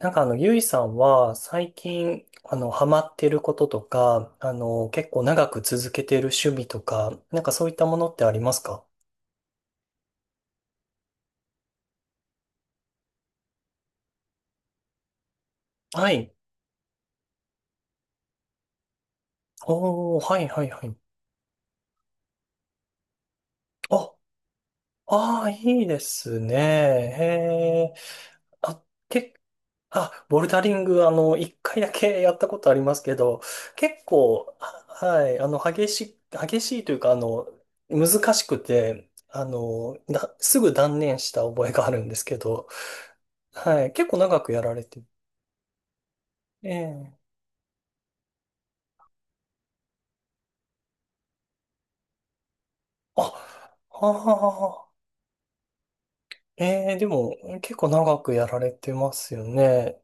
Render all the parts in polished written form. ゆいさんは最近、ハマってることとか、結構長く続けてる趣味とか、なんかそういったものってありますか？はい。おー、はいはいはい。あ、ああ、いいですね。へえ。あ、け、あ、ボルダリング、一回だけやったことありますけど、結構、激しいというか、難しくて、すぐ断念した覚えがあるんですけど、はい。結構長くやられてる。ええ。あ、ああ。ええ、でも、結構長くやられてますよね。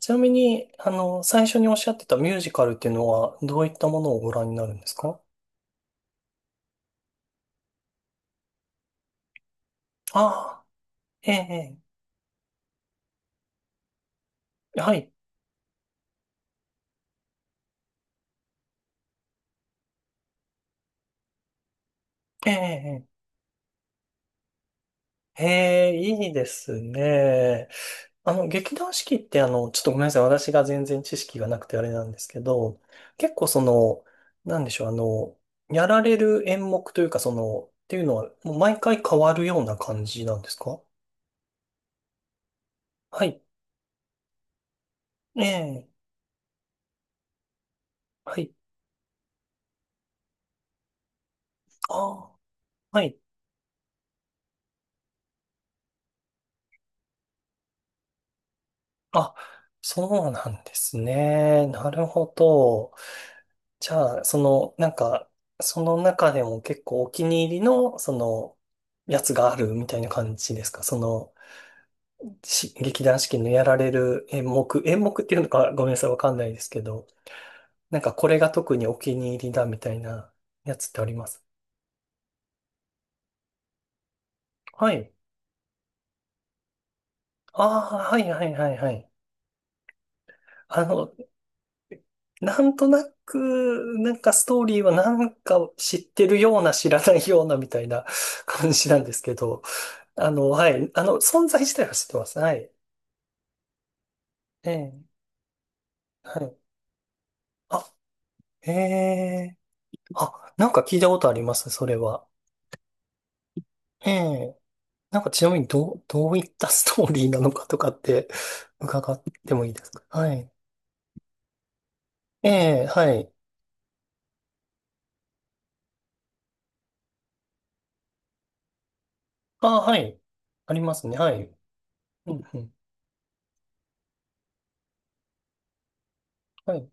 ちなみに、最初におっしゃってたミュージカルっていうのは、どういったものをご覧になるんですか？ああ、ええ、ええ、はい。ええ、ええ、ええ、いいですね。あの、劇団四季ってちょっとごめんなさい。私が全然知識がなくてあれなんですけど、結構その、なんでしょう、あの、やられる演目というかその、っていうのは、もう毎回変わるような感じなんですか？はい。ええ。はい。ああ、はい。あ、そうなんですね。なるほど。じゃあ、その中でも結構お気に入りの、やつがあるみたいな感じですか？そのし、劇団四季のやられる演目っていうのかごめんなさい、わかんないですけど、なんかこれが特にお気に入りだみたいなやつってあります？はい。ああ、はいはいはいはい。あの、なんとなく、なんかストーリーはなんか知ってるような知らないようなみたいな 感じなんですけど、あの、はい。あの、存在自体は知ってます。はい。ええ、はい。あ、ええ、あ、なんか聞いたことあります、それは。ええ、なんかちなみにどういったストーリーなのかとかって伺ってもいいですか？はい。ええ、はい。ああ、はい。ありますね。はい。うん、うん。はい。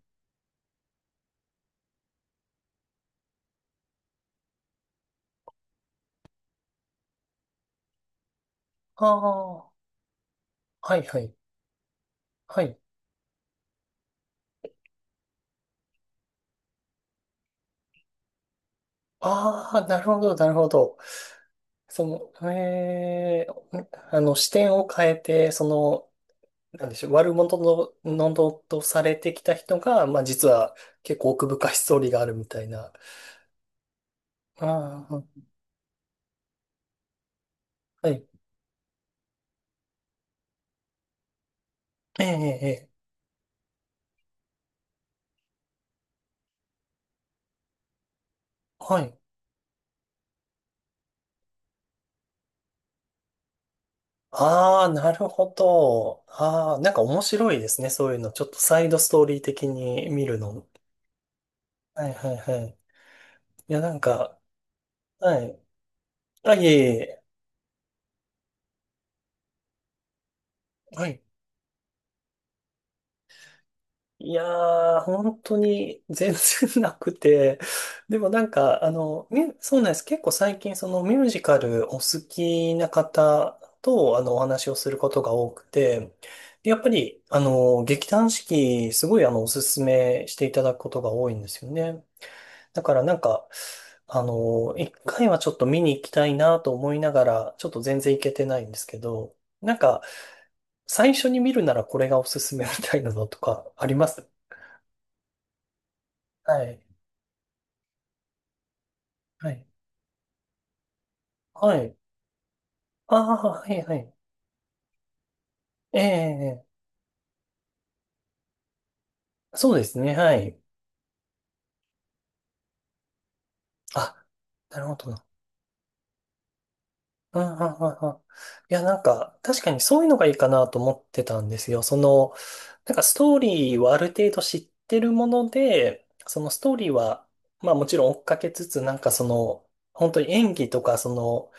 ああ、はい、はい。はい。ああ、なるほど、なるほど。そええ、視点を変えて、その、なんでしょう、悪者の、のどとされてきた人が、まあ実は結構奥深いストーリーがあるみたいな。ああ、はい。ええ、ええ、ええ、はい。ああ、なるほど。ああ、なんか面白いですね。そういうの。ちょっとサイドストーリー的に見るの。はいはいはい。いや、なんか、はい。あ、いえいえ。はい。いやー、本当に全然なくて。でも、そうなんです。結構最近そのミュージカルお好きな方と、お話をすることが多くて、でやっぱり、劇団四季、すごいおすすめしていただくことが多いんですよね。だからなんか、あの一回はちょっと見に行きたいなと思いながら、ちょっと全然行けてないんですけど、なんか、最初に見るならこれがおすすめみたいなのとかあります？はい。はい。はい。ああ、はい、はい。ええ、そうですね、はい。あ、なるほどね。うんうんうんうん。いや、なんか、確かにそういうのがいいかなと思ってたんですよ。なんかストーリーはある程度知ってるもので、そのストーリーは、まあもちろん追っかけつつ、本当に演技とか、その、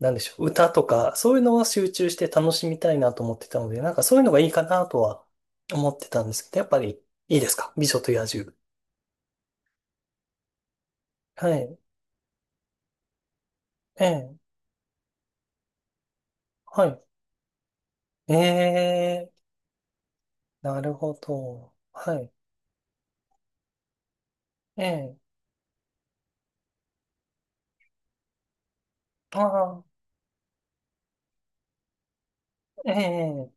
なんでしょう、歌とか、そういうのは集中して楽しみたいなと思ってたので、なんかそういうのがいいかなとは思ってたんですけど、やっぱりいいですか、美女と野獣。はい。ええ。はい。ええ。なるほど。はい。ええ。ああ。ええ、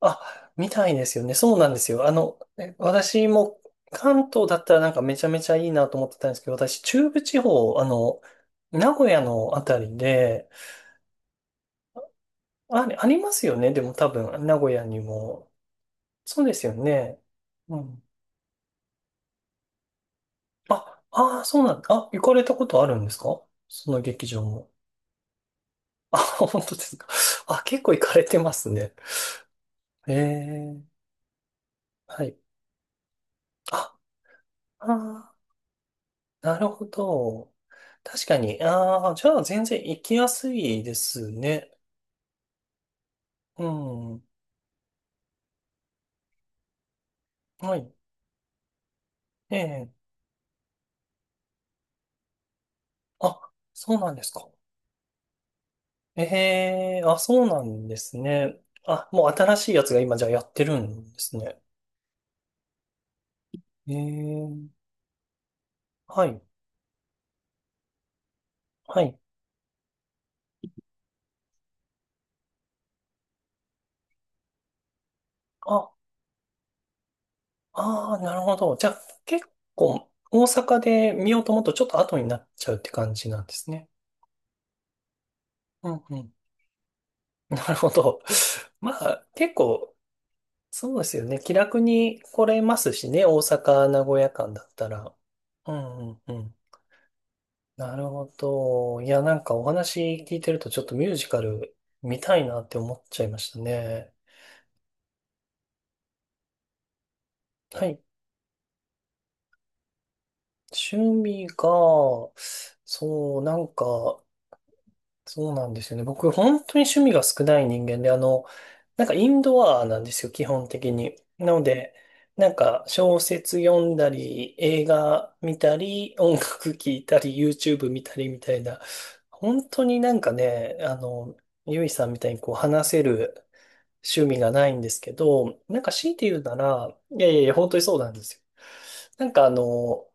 あ、みたいですよね。そうなんですよ。私も関東だったらなんかめちゃめちゃいいなと思ってたんですけど、私中部地方、名古屋のあたりで、あ、ありますよね。でも多分、名古屋にも。そうですよね。うん。あ、ああ、そうなんだ。あ、行かれたことあるんですか、その劇場も。あ、本当ですか。あ、結構行かれてますね。ええ、はい。あ、あー、なるほど。確かに。ああ、じゃあ全然行きやすいですね。うん。はい。ええ。あ、そうなんですか。ええ、あ、そうなんですね。あ、もう新しいやつが今じゃあやってるんですね。ええ。はい。はい。あ、ああ、なるほど。じゃあ結構大阪で見ようと思うとちょっと後になっちゃうって感じなんですね。うんうん。なるほど。まあ、結構そうですよね。気楽に来れますしね。大阪、名古屋間だったら。うんうんうん。なるほど。いや、なんかお話聞いてるとちょっとミュージカル見たいなって思っちゃいましたね。はい。趣味が、そう、そうなんですよね。僕、本当に趣味が少ない人間で、なんかインドアなんですよ、基本的に。なので、なんか小説読んだり、映画見たり、音楽聴いたり、YouTube 見たりみたいな、本当になんかね、あの、ゆいさんみたいにこう話せる趣味がないんですけど、なんか強いて言うなら、いやいやいや、本当にそうなんですよ。なんかあの、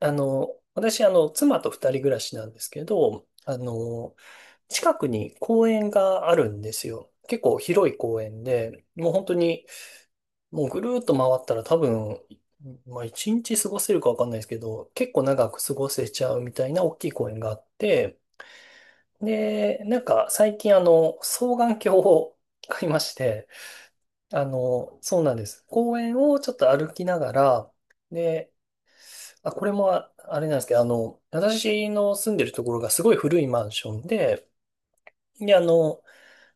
私、妻と二人暮らしなんですけど、近くに公園があるんですよ。結構広い公園で、もう本当に、もうぐるーっと回ったら多分、まあ一日過ごせるかわかんないですけど、結構長く過ごせちゃうみたいな大きい公園があって、で、なんか最近双眼鏡を買いまして、あの、そうなんです。公園をちょっと歩きながら、で、あ、これもああれなんですけど、私の住んでるところがすごい古いマンションで、で、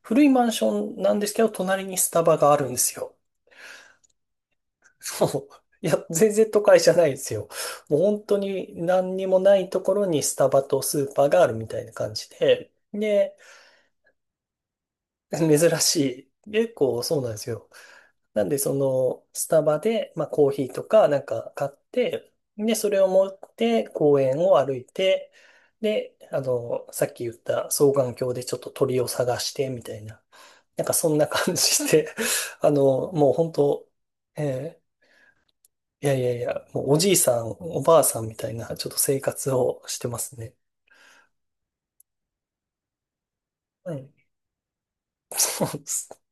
古いマンションなんですけど、隣にスタバがあるんですよ。そう。いや、全然都会じゃないですよ。もう本当に何にもないところにスタバとスーパーがあるみたいな感じで、で、珍しい。結構そうなんですよ。なんで、その、スタバで、まあ、コーヒーとか、なんか買って、で、それを持って公園を歩いて、で、さっき言った双眼鏡でちょっと鳥を探して、みたいな。なんかそんな感じで、あの、もう本当、えーいやいやいや、もうおじいさん、おばあさんみたいな、ちょっと生活をしてますね。はい。そうです。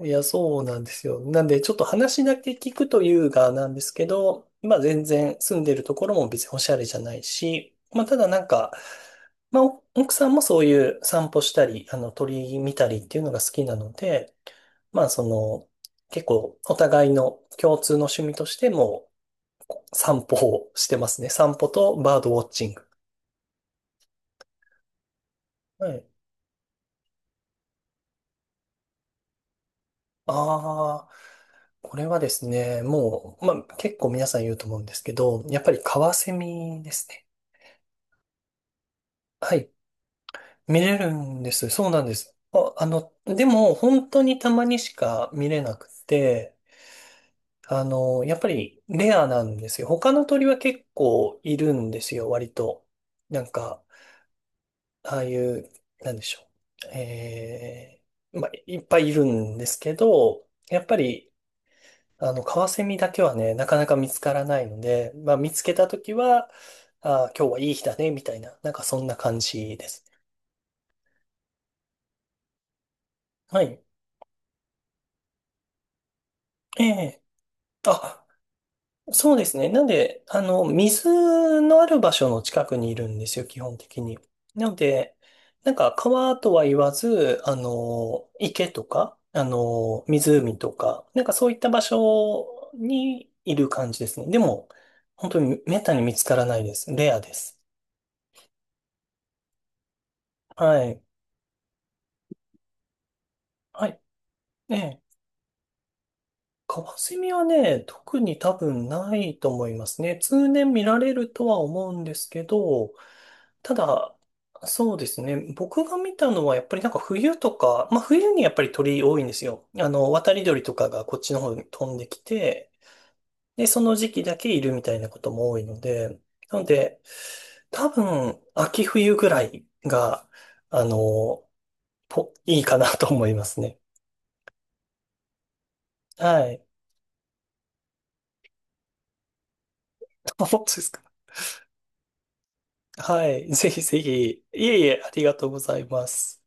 いや、そうなんですよ。なんで、ちょっと話だけ聞くというがなんですけど、まあ全然住んでるところも別におしゃれじゃないし、まあただなんか、まあお奥さんもそういう散歩したり、あの鳥見たりっていうのが好きなので、まあその、結構お互いの共通の趣味としても散歩をしてますね。散歩とバードウォッチング。はい。ああ、これはですね、もう、まあ結構皆さん言うと思うんですけど、やっぱりカワセミですね。はい。見れるんです。そうなんです。あ、あの、でも、本当にたまにしか見れなくて、あの、やっぱりレアなんですよ。他の鳥は結構いるんですよ、割と。なんか、ああいう、なんでしょう。えー、まあ、いっぱいいるんですけど、やっぱり、カワセミだけはね、なかなか見つからないので、まあ、見つけたときは、あー、今日はいい日だね、みたいな、なんかそんな感じです。はい。ええ、あ、そうですね。なんで、水のある場所の近くにいるんですよ、基本的に。なので、なんか川とは言わず、あの、池とか、あの、湖とか、なんかそういった場所にいる感じですね。でも、本当に滅多に見つからないです。レアです。はい。はい。ええ、カワセミはね、特に多分ないと思いますね。通年見られるとは思うんですけど、ただ、そうですね。僕が見たのはやっぱりなんか冬とか、まあ冬にやっぱり鳥多いんですよ。あの、渡り鳥とかがこっちの方に飛んできて、で、その時期だけいるみたいなことも多いので、なので、多分秋冬ぐらいが、あの、ぽいいかなと思いますね。はい。そうですか。はい。ぜひぜひ。いえいえ、ありがとうございます。